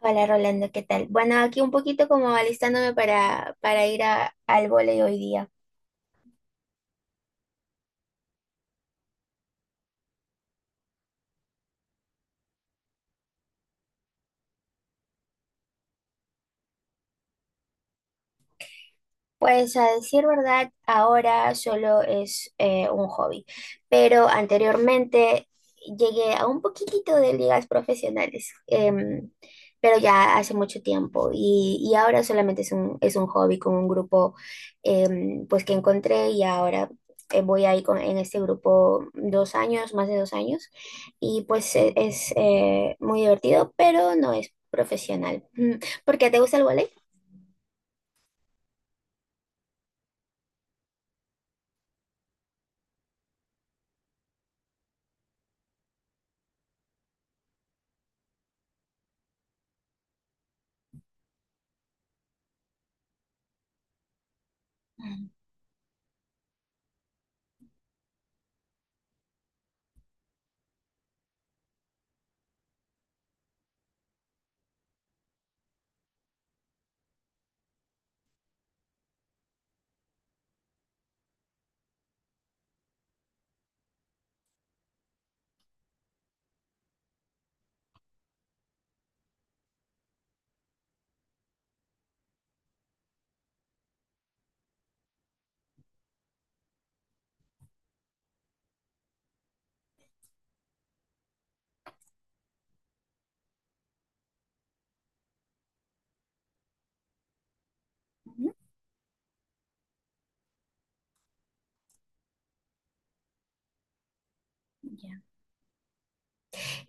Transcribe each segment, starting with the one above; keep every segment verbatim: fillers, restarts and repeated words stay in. Hola Rolando, ¿qué tal? Bueno, aquí un poquito como alistándome para, para ir a- al vóley hoy día. Pues a decir verdad, ahora solo es eh, un hobby, pero anteriormente llegué a un poquitito de ligas profesionales, em, pero ya hace mucho tiempo y, y ahora solamente es un, es un hobby con un grupo em, pues que encontré y ahora eh, voy ahí con, en este grupo dos años, más de dos años y pues e- es, eh, muy divertido, pero no es profesional. Mm, ¿Por qué te gusta el vóley?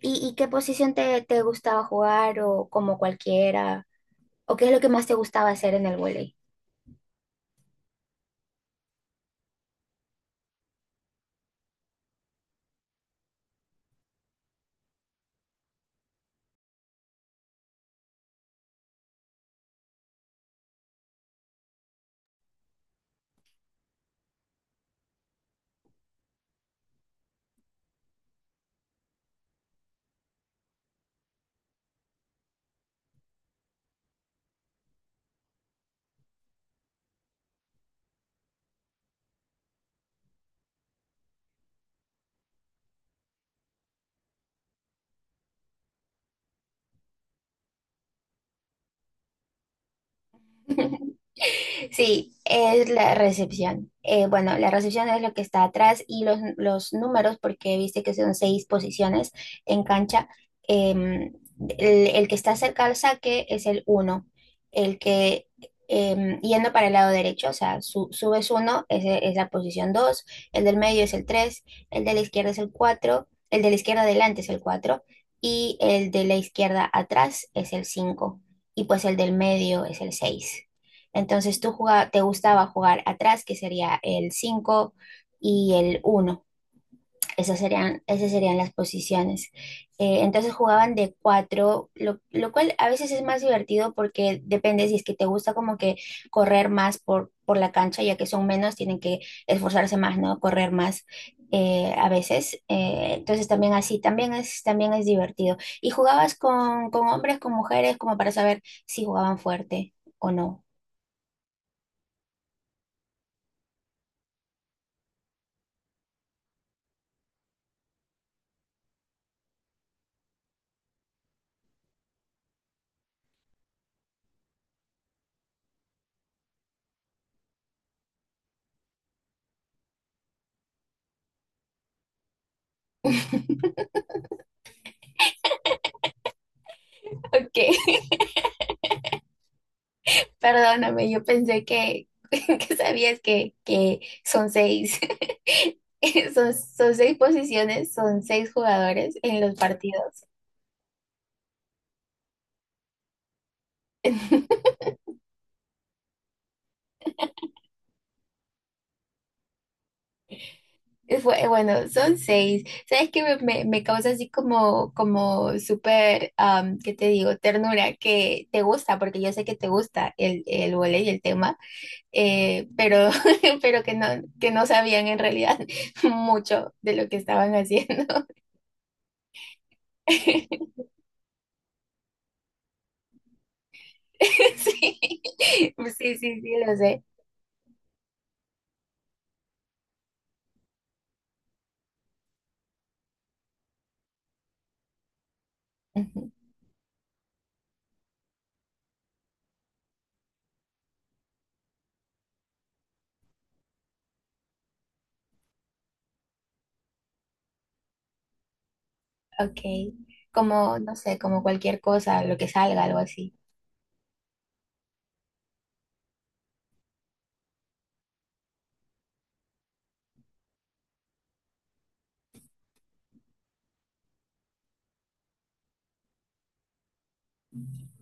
¿Y, y qué posición te, te gustaba jugar o como cualquiera? ¿O qué es lo que más te gustaba hacer en el vóley? Sí, es la recepción. Eh, bueno, la recepción es lo que está atrás y los, los, números, porque viste que son seis posiciones en cancha. em, el, el que está cerca al saque es el uno, el que em, yendo para el lado derecho, o sea, su- subes uno, ese es la posición dos, el del medio es el tres, el de la izquierda es el cuatro, el de la izquierda adelante es el cuatro y el de la izquierda atrás es el cinco y pues el del medio es el seis. Entonces tú jugaba- te gustaba jugar atrás, que sería el cinco y el uno. Esas serían, esas serían las posiciones. Eh, entonces jugaban de cuatro, lo, lo cual a veces es más divertido porque depende si es que te gusta como que correr más por, por la cancha, ya que son menos, tienen que esforzarse más, ¿no? Correr más. Eh, a veces, Eh, entonces también así, también es, también es divertido. ¿Y jugabas con, con, hombres, con mujeres, como para saber si jugaban fuerte o no? Ok. Perdóname, yo pensé que, que, sabías que, que son seis. Son, son seis posiciones, son seis jugadores en los partidos. Fue- Bueno, son seis. ¿Sabes qué me, me- me causa así como, como súper, am, ¿qué te digo? Ternura, que te gusta, porque yo sé que te gusta el, el vóley y el tema, eh, pero, pero que no, que no sabían en realidad mucho de lo que estaban haciendo. Sí, pues sí, sí, sí, lo sé. Ujú. Ok. Como, no sé, como cualquier cosa, lo que salga, algo así.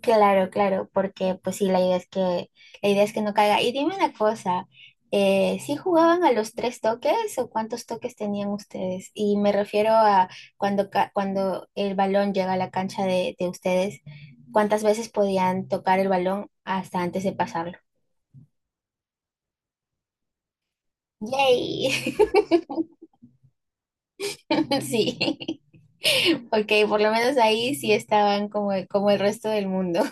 Claro, claro, porque pues sí, la idea es que, la idea es que no caiga. Y dime una cosa, eh, ¿sí jugaban a los tres toques o cuántos toques tenían ustedes? Y me refiero a cuando, ca- cuando el balón llega a la cancha de, de ustedes, ¿cuántas veces podían tocar el balón hasta antes de pasarlo? ¡Yay! Sí. Ok, por lo menos ahí sí estaban como, como, el resto del mundo,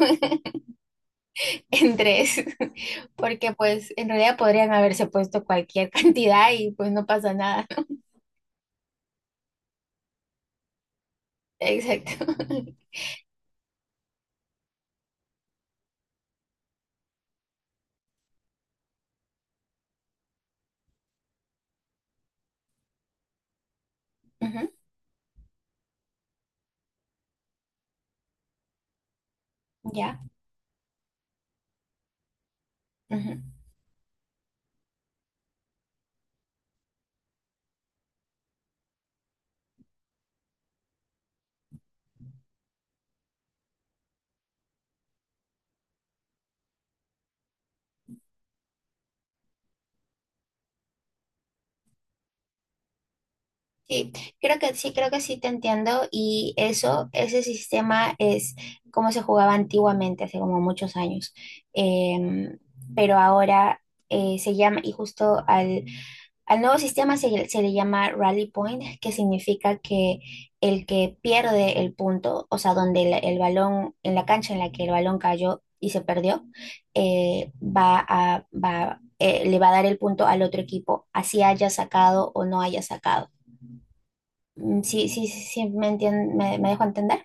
en tres, porque pues en realidad podrían haberse puesto cualquier cantidad y pues no pasa nada. Exacto. Ujú. Ya. Ujú. Sí, creo que sí, creo que sí te entiendo y eso, ese sistema es como se jugaba antiguamente, hace como muchos años. Em, pero ahora eh, se llama, y justo al Al nuevo sistema se, se le llama Rally Point, que significa que el que pierde el punto, o sea, donde el, el balón, en la cancha en la que el balón cayó y se perdió, eh, va a, va, eh, le va a dar el punto al otro equipo, así haya sacado o no haya sacado. Mm, Sí, sí, sí, sí, me entien- me, me dejo entender.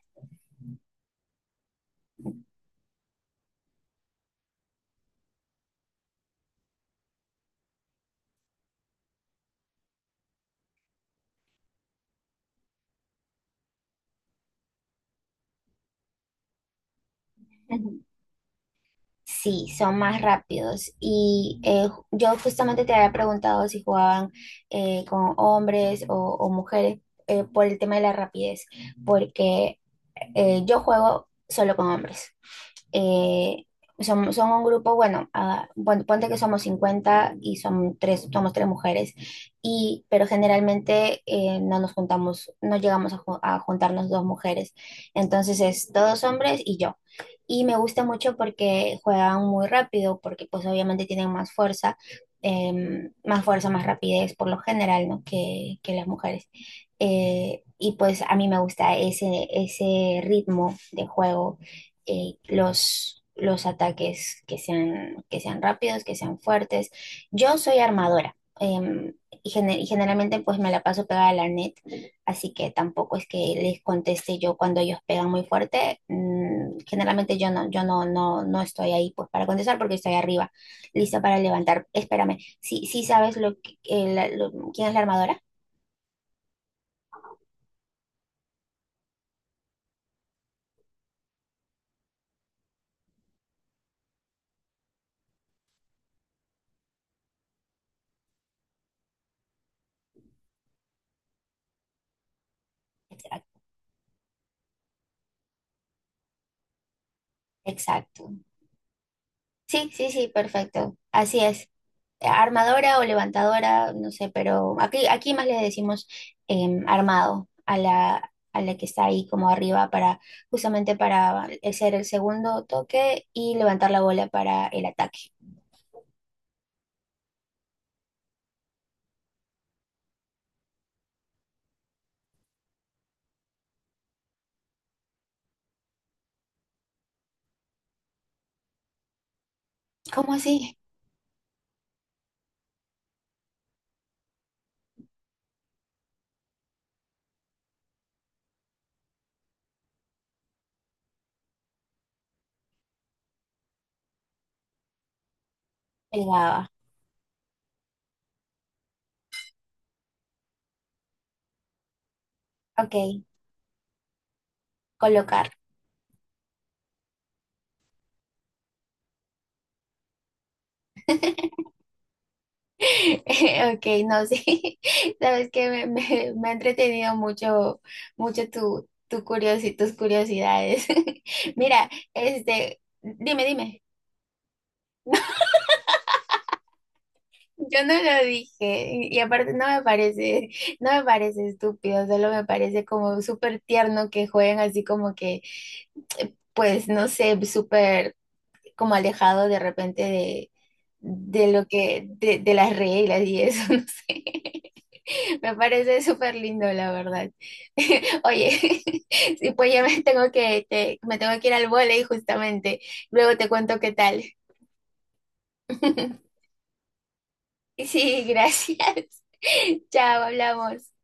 Sí, son más rápidos. Y eh, ju- yo justamente te había preguntado si jugaban eh, con hombres o, o mujeres, eh, por el tema de la rapidez, porque eh, yo juego solo con hombres, eh, son, son, un grupo, bueno, ah, pon- ponte que somos cincuenta y son tres, somos tres mujeres, y, pero generalmente eh, no nos juntamos, no llegamos a, ju- a juntarnos dos mujeres. Entonces es todos hombres y yo. Y me gusta mucho porque juegan muy rápido, porque pues obviamente tienen más fuerza, em, más fuerza, más rapidez por lo general, ¿no? que, que las mujeres. Eh, y pues a mí me gusta ese, ese, ritmo de juego, eh, los, los, ataques que sean, que sean rápidos, que sean fuertes. Yo soy armadora, em, y, gene- y generalmente pues me la paso pegada a la net, así que tampoco es que les conteste yo cuando ellos pegan muy fuerte. Mm, generalmente yo no, yo no, no, no estoy ahí pues para contestar porque estoy arriba, lista para levantar. Espérame, ¿sí, sí sabes lo que, eh, la- lo- quién es la armadora? Exacto. Sí, sí, sí, perfecto. Así es. Armadora o levantadora, no sé, pero aquí, aquí, más le decimos, em, armado a la, a la que está ahí como arriba para, justamente para hacer el segundo toque y levantar la bola para el ataque. ¿Cómo así? El baba. Ok, colocar. Ok, no, sí. Sabes que me, me- me ha entretenido mucho, mucho, tu, tu curiosi- tus curiosidades. Mira, este, dime, dime. Yo no lo dije, y y aparte no me parece, no me parece estúpido, solo me parece como súper tierno que jueguen así como que, pues no sé, súper como alejado de repente de, de lo que, de, de las reglas y eso, no sé. Me parece súper lindo, la verdad. Oye. Sí, pues ya me tengo que, te- me tengo que ir al vóley justamente. Luego te cuento qué tal. Sí, gracias. Chao, hablamos.